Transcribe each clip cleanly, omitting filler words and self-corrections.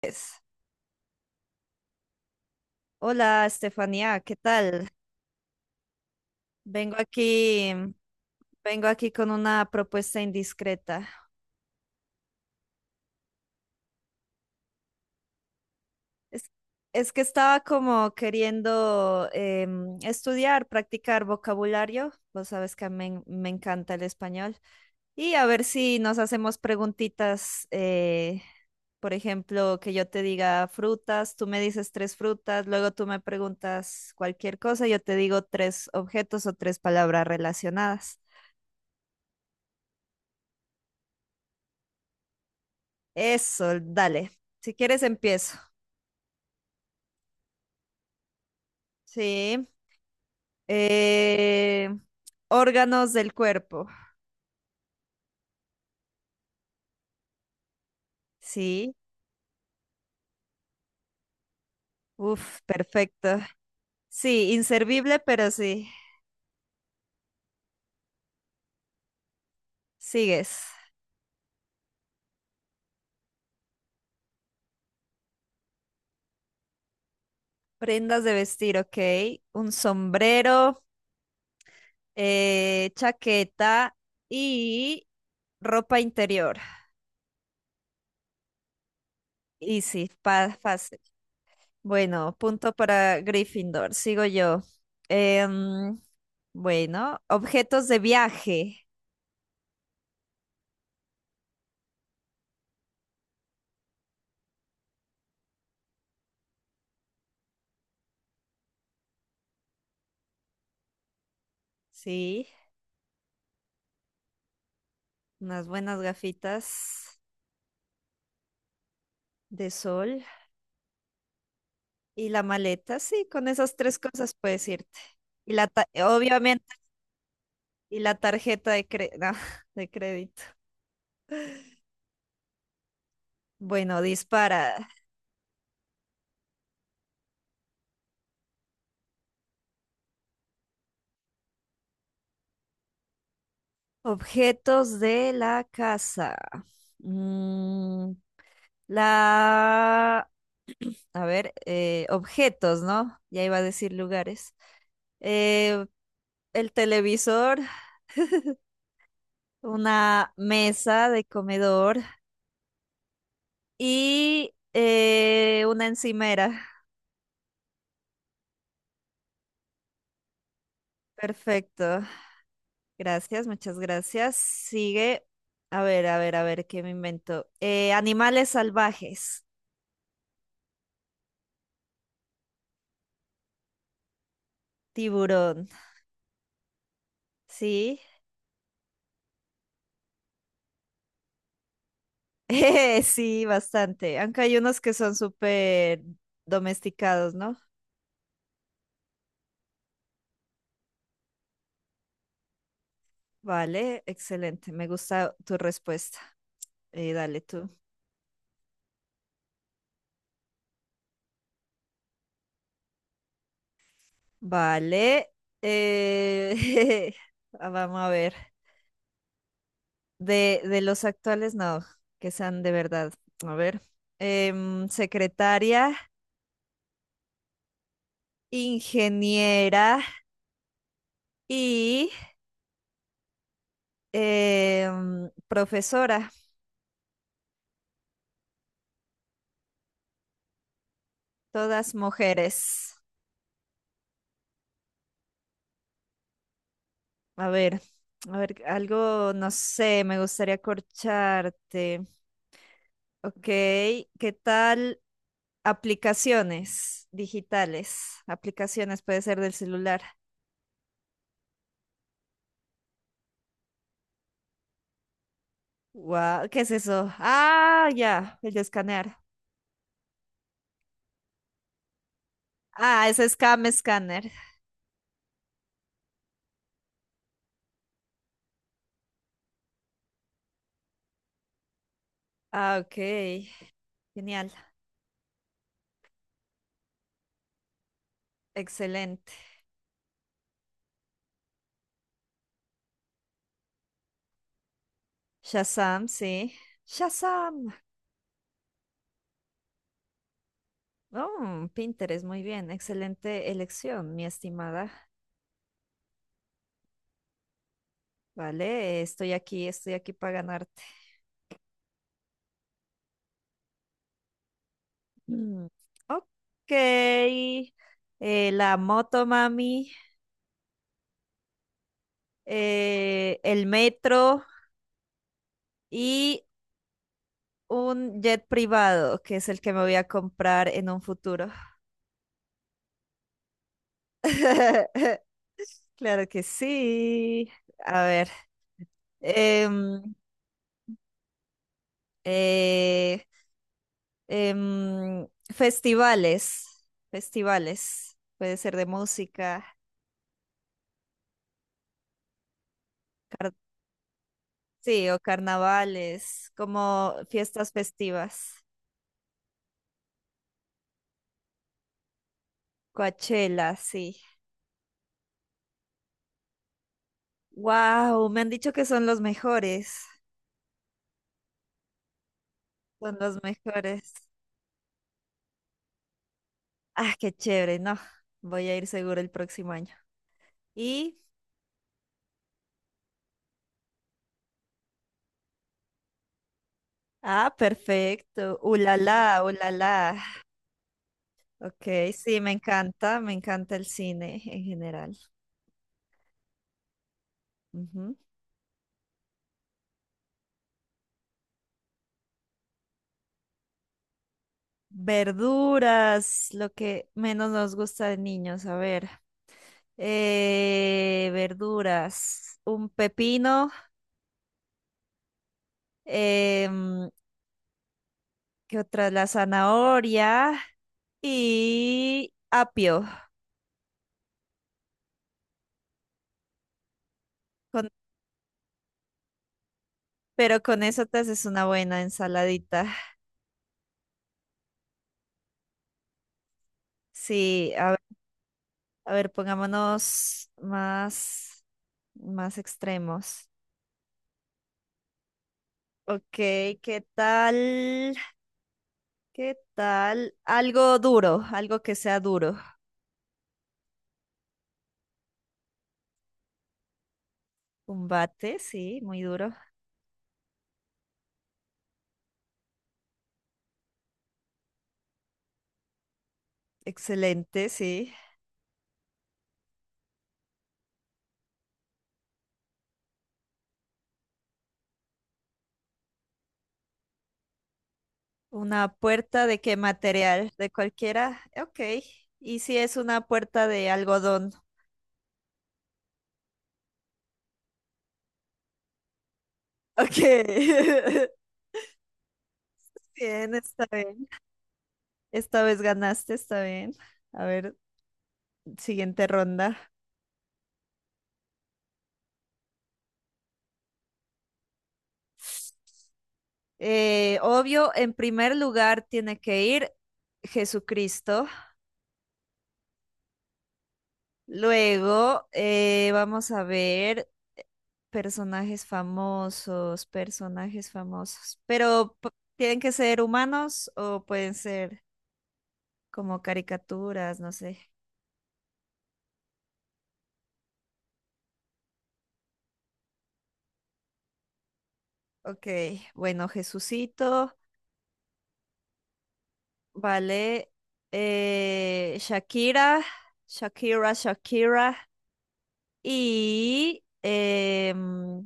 Pues, Hola, Estefanía, ¿qué tal? Vengo aquí, vengo aquí con una propuesta indiscreta. Es, es que estaba como queriendo estudiar, practicar vocabulario. Vos sabes que me encanta el español. Y a ver si nos hacemos preguntitas, por ejemplo, que yo te diga frutas, tú me dices tres frutas, luego tú me preguntas cualquier cosa, yo te digo tres objetos o tres palabras relacionadas. Eso, dale. Si quieres, empiezo. Sí. Eh, órganos del cuerpo. Sí. Uf, perfecto. Sí, inservible, pero sí. Sigues. Prendas de vestir, ok. Un sombrero, chaqueta y ropa interior. Easy, fácil. Bueno, punto para Gryffindor. Sigo yo. Em, bueno, objetos de viaje. Sí, unas buenas gafitas de sol y la maleta, sí, con esas tres cosas puedes irte. Y la ta- obviamente, y la tarjeta de no, de crédito. Bueno, dispara. Objetos de la casa. Mm, la, a ver, objetos, ¿no? Ya iba a decir lugares. Eh, el televisor, una mesa de comedor. Y una encimera. Perfecto. Gracias, muchas gracias. Sigue. A ver, a ver, a ver, ¿qué me invento? Animales salvajes. Tiburón. Sí. Sí, bastante. Aunque hay unos que son súper domesticados, ¿no? Vale, excelente. Me gusta tu respuesta. Dale tú. Vale. eh, Vamos a ver. De los actuales, no, que sean de verdad. A ver. Secretaria, ingeniera y profesora, todas mujeres. A ver, a ver, algo, no sé, me gustaría corcharte. Ok, ¿qué tal aplicaciones digitales? Aplicaciones puede ser del celular. Guau, ¿qué es eso? Ah, ya, el de escanear. Ah, es Scam Scanner. Ah, ok. Genial. Excelente. Shazam, sí. Shazam. Oh, Pinterest, muy bien. Excelente elección, mi estimada. Vale, estoy aquí para ganarte. Mm, ok. La moto, mami. El metro y un jet privado, que es el que me voy a comprar en un futuro. Claro que sí. A ver, em, eh, em, festivales, festivales, puede ser de música, car- sí, o carnavales, como fiestas festivas, Coachella, sí. Wow, me han dicho que son los mejores, son los mejores. Ah, qué chévere, no, voy a ir seguro el próximo año. Y, ah, perfecto, ulala, ulala. Ok, sí, me encanta el cine en general. Ujú. Verduras, lo que menos nos gusta de niños, a ver. Verduras, un pepino, em, ¿qué otra? La zanahoria y apio. Con- pero con eso te haces una buena ensaladita. Sí, a ver, más extremos. Ok, ¿qué tal? ¿Qué tal? Algo duro, algo que sea duro. Combate, sí, muy duro. Excelente, sí. Una puerta de qué material, de cualquiera. Ok. ¿Y si es una puerta de algodón? Ok. Bien, está bien. Esta vez ganaste, está bien. A ver, siguiente ronda. Obvio, en primer lugar tiene que ir Jesucristo. Luego, vamos a ver personajes famosos. ¿Tienen que ser humanos o pueden ser como caricaturas? No sé. Ok, bueno, Jesucito, vale. Shakira, Shakira, Shakira. Y,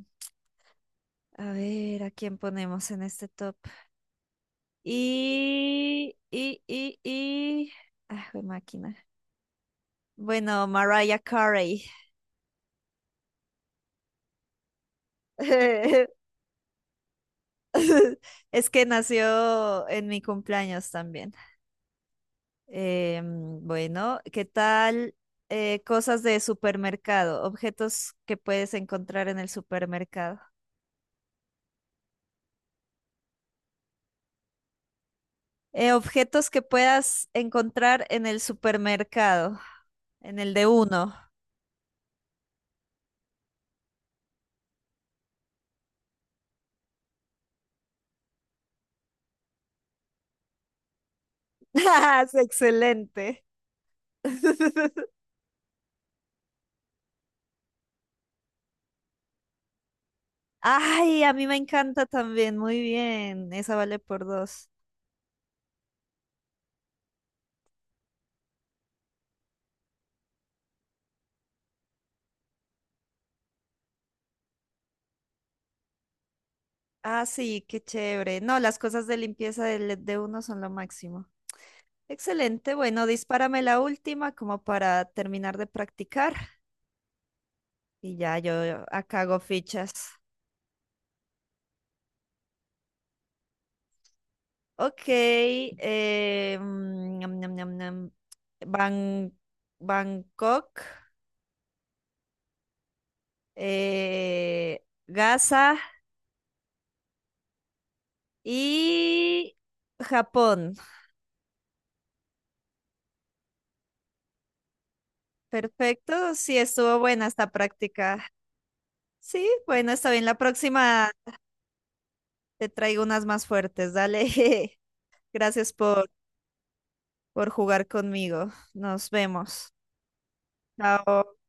a ver, ¿a quién ponemos en este top? Y, y, y, y. Ah, jue máquina. Bueno, Mariah Carey. Es que nació en mi cumpleaños también. Bueno, ¿qué tal? Cosas de supermercado, objetos que puedes encontrar en el supermercado. Objetos que puedas encontrar en el supermercado, en el de uno. ¡Ah, es excelente! Ay, a mí me encanta también, muy bien, esa vale por dos. Ah, sí, qué chévere. No, las cosas de limpieza de uno son lo máximo. Excelente, bueno, dispárame la última como para terminar de practicar y ya yo acá hago fichas. Ok, ñam, ñam, ñam, ñam. Ban- Bangkok, Gaza y Japón. Perfecto, sí, estuvo buena esta práctica. Sí, bueno, está bien. La próxima te traigo unas más fuertes. Dale. Gracias por, por jugar conmigo. Nos vemos. Chao.